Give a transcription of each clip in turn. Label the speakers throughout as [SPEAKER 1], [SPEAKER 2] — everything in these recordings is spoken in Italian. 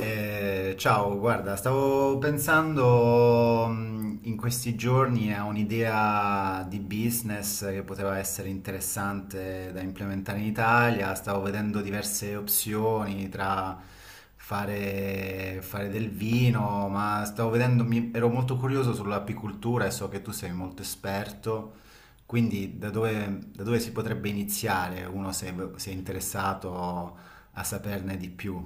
[SPEAKER 1] Ciao, guarda, stavo pensando in questi giorni a un'idea di business che poteva essere interessante da implementare in Italia. Stavo vedendo diverse opzioni tra fare del vino, ma stavo vedendo, ero molto curioso sull'apicoltura e so che tu sei molto esperto. Quindi da dove si potrebbe iniziare uno se è interessato a saperne di più?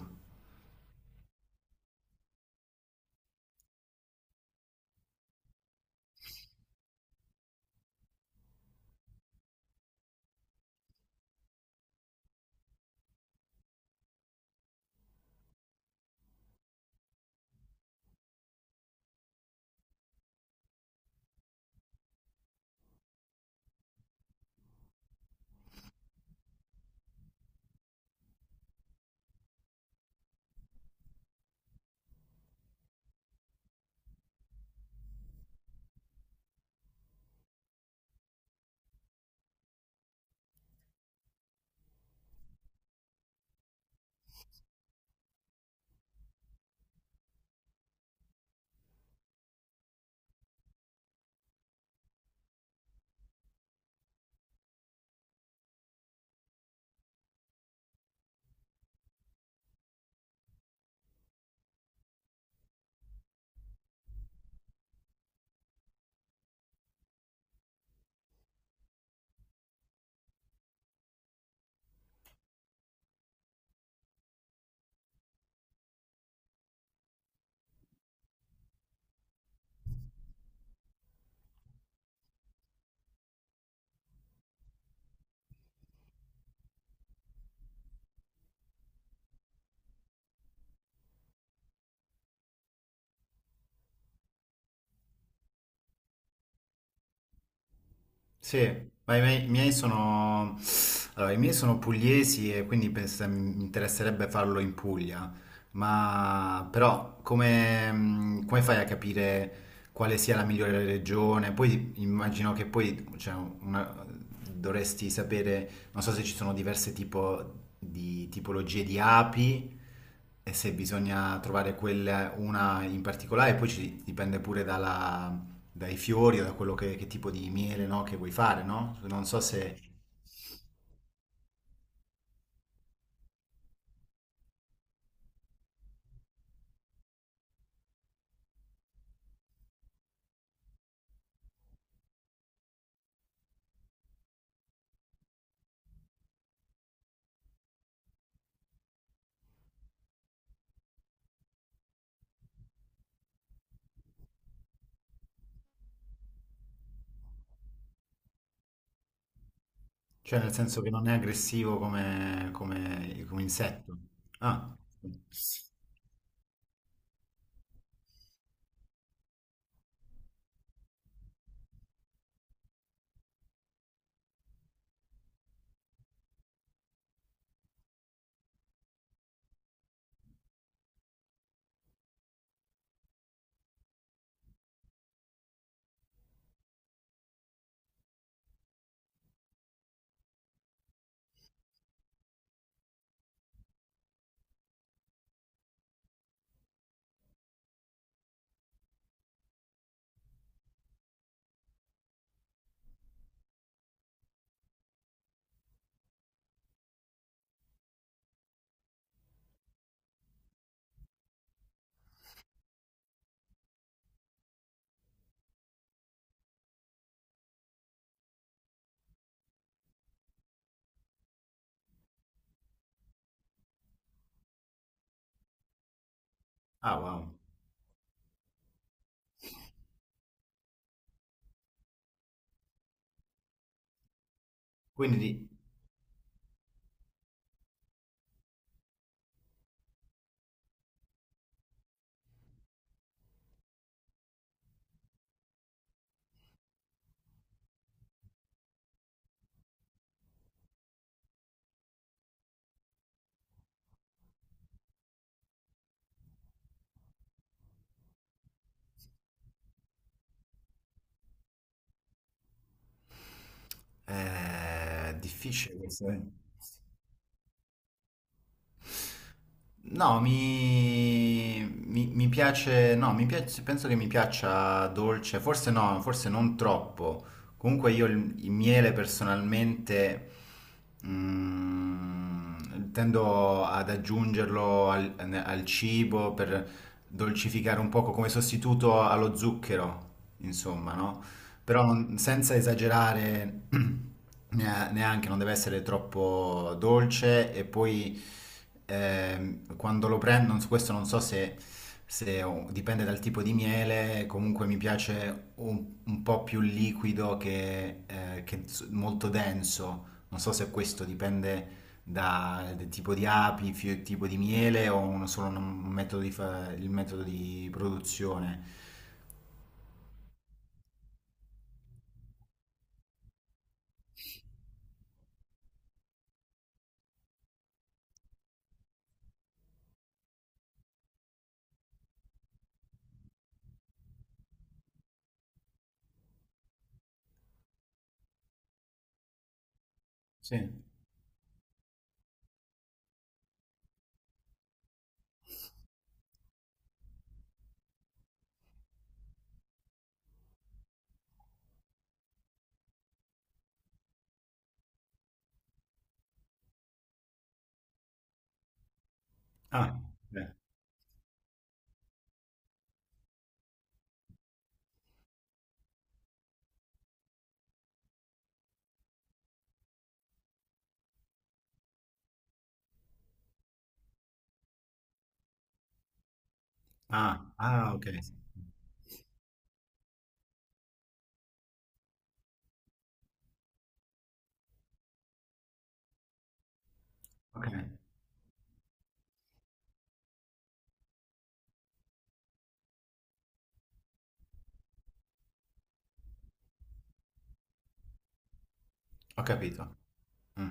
[SPEAKER 1] Sì, ma i miei sono, allora, i miei sono pugliesi e quindi mi interesserebbe farlo in Puglia, ma però come, come fai a capire quale sia la migliore regione? Poi immagino che poi cioè, una- dovresti sapere, non so se ci sono diverse tipo di tipologie di api e se bisogna trovare quella, una in particolare, poi ci dipende pure dai fiori o da quello che tipo di miele, no, che vuoi fare, no? Non so se, cioè nel senso che non è aggressivo come, come insetto. Ah, sì. Ah, wow. Quindi eh, è difficile questo, eh. No, mi piace, no, mi piace, penso che mi piaccia dolce, forse no, forse non troppo. Comunque io il miele personalmente tendo ad aggiungerlo al, al cibo per dolcificare un poco come sostituto allo zucchero, insomma, no? Però senza esagerare neanche, non deve essere troppo dolce e poi quando lo prendo, non so- questo non so se, dipende dal tipo di miele, comunque mi piace un po' più liquido che molto denso, non so se questo dipende dal tipo di api, tipo di miele o solo un metodo di il metodo di produzione. Sì. Ah, beh. Ah, ah, ok, ok, ho capito. Mm.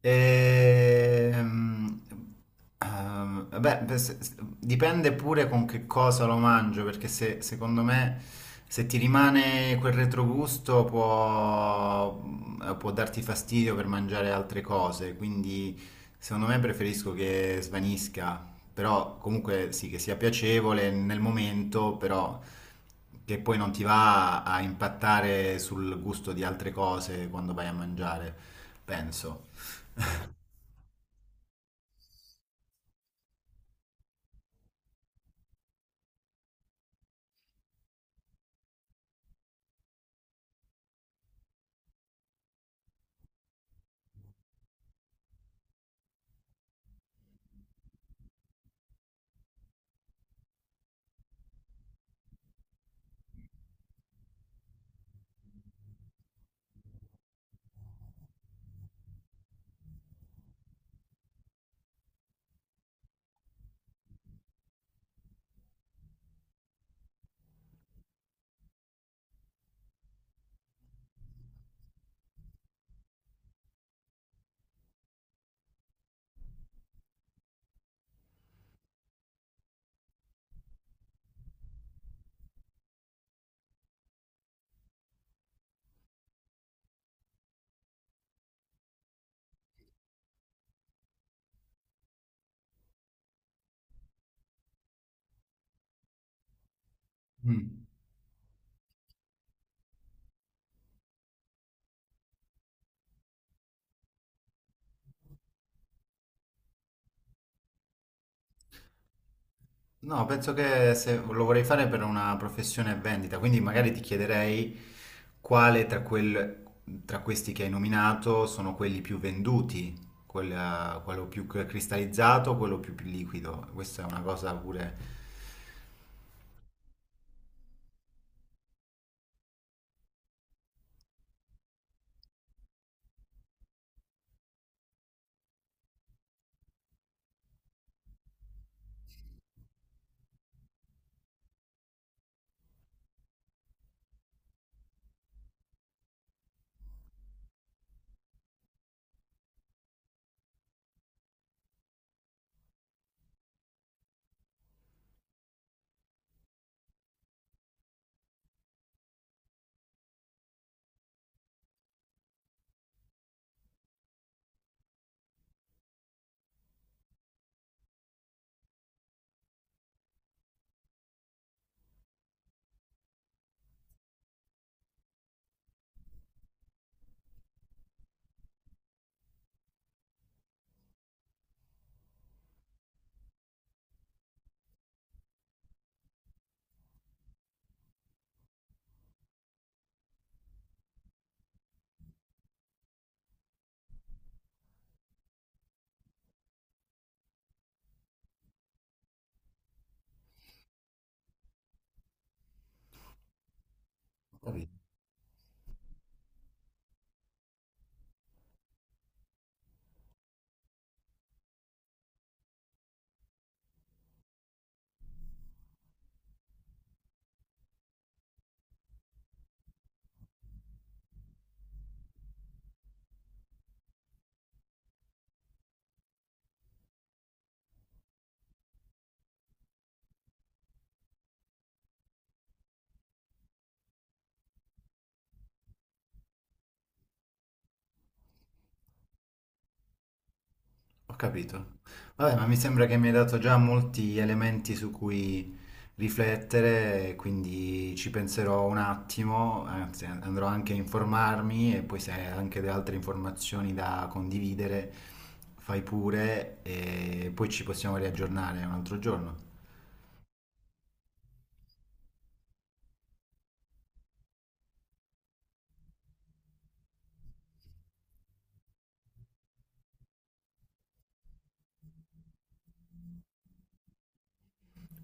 [SPEAKER 1] Ehm, beh, beh, dipende pure con che cosa lo mangio, perché se, secondo me se ti rimane quel retrogusto può, può darti fastidio per mangiare altre cose, quindi secondo me preferisco che svanisca, però comunque sì, che sia piacevole nel momento, però che poi non ti va a impattare sul gusto di altre cose quando vai a mangiare, penso. Mm. No, penso che se lo vorrei fare per una professione vendita, quindi magari ti chiederei quale tra, quel- tra questi che hai nominato sono quelli più venduti, quello più cristallizzato, quello più liquido. Questa è una cosa pure... Ho capito. Vabbè, ma mi sembra che mi hai dato già molti elementi su cui riflettere, quindi ci penserò un attimo, anzi andrò anche a informarmi e poi se hai anche delle altre informazioni da condividere, fai pure e poi ci possiamo riaggiornare un altro giorno.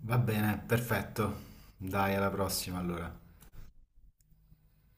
[SPEAKER 1] Va bene, perfetto. Dai, alla prossima allora.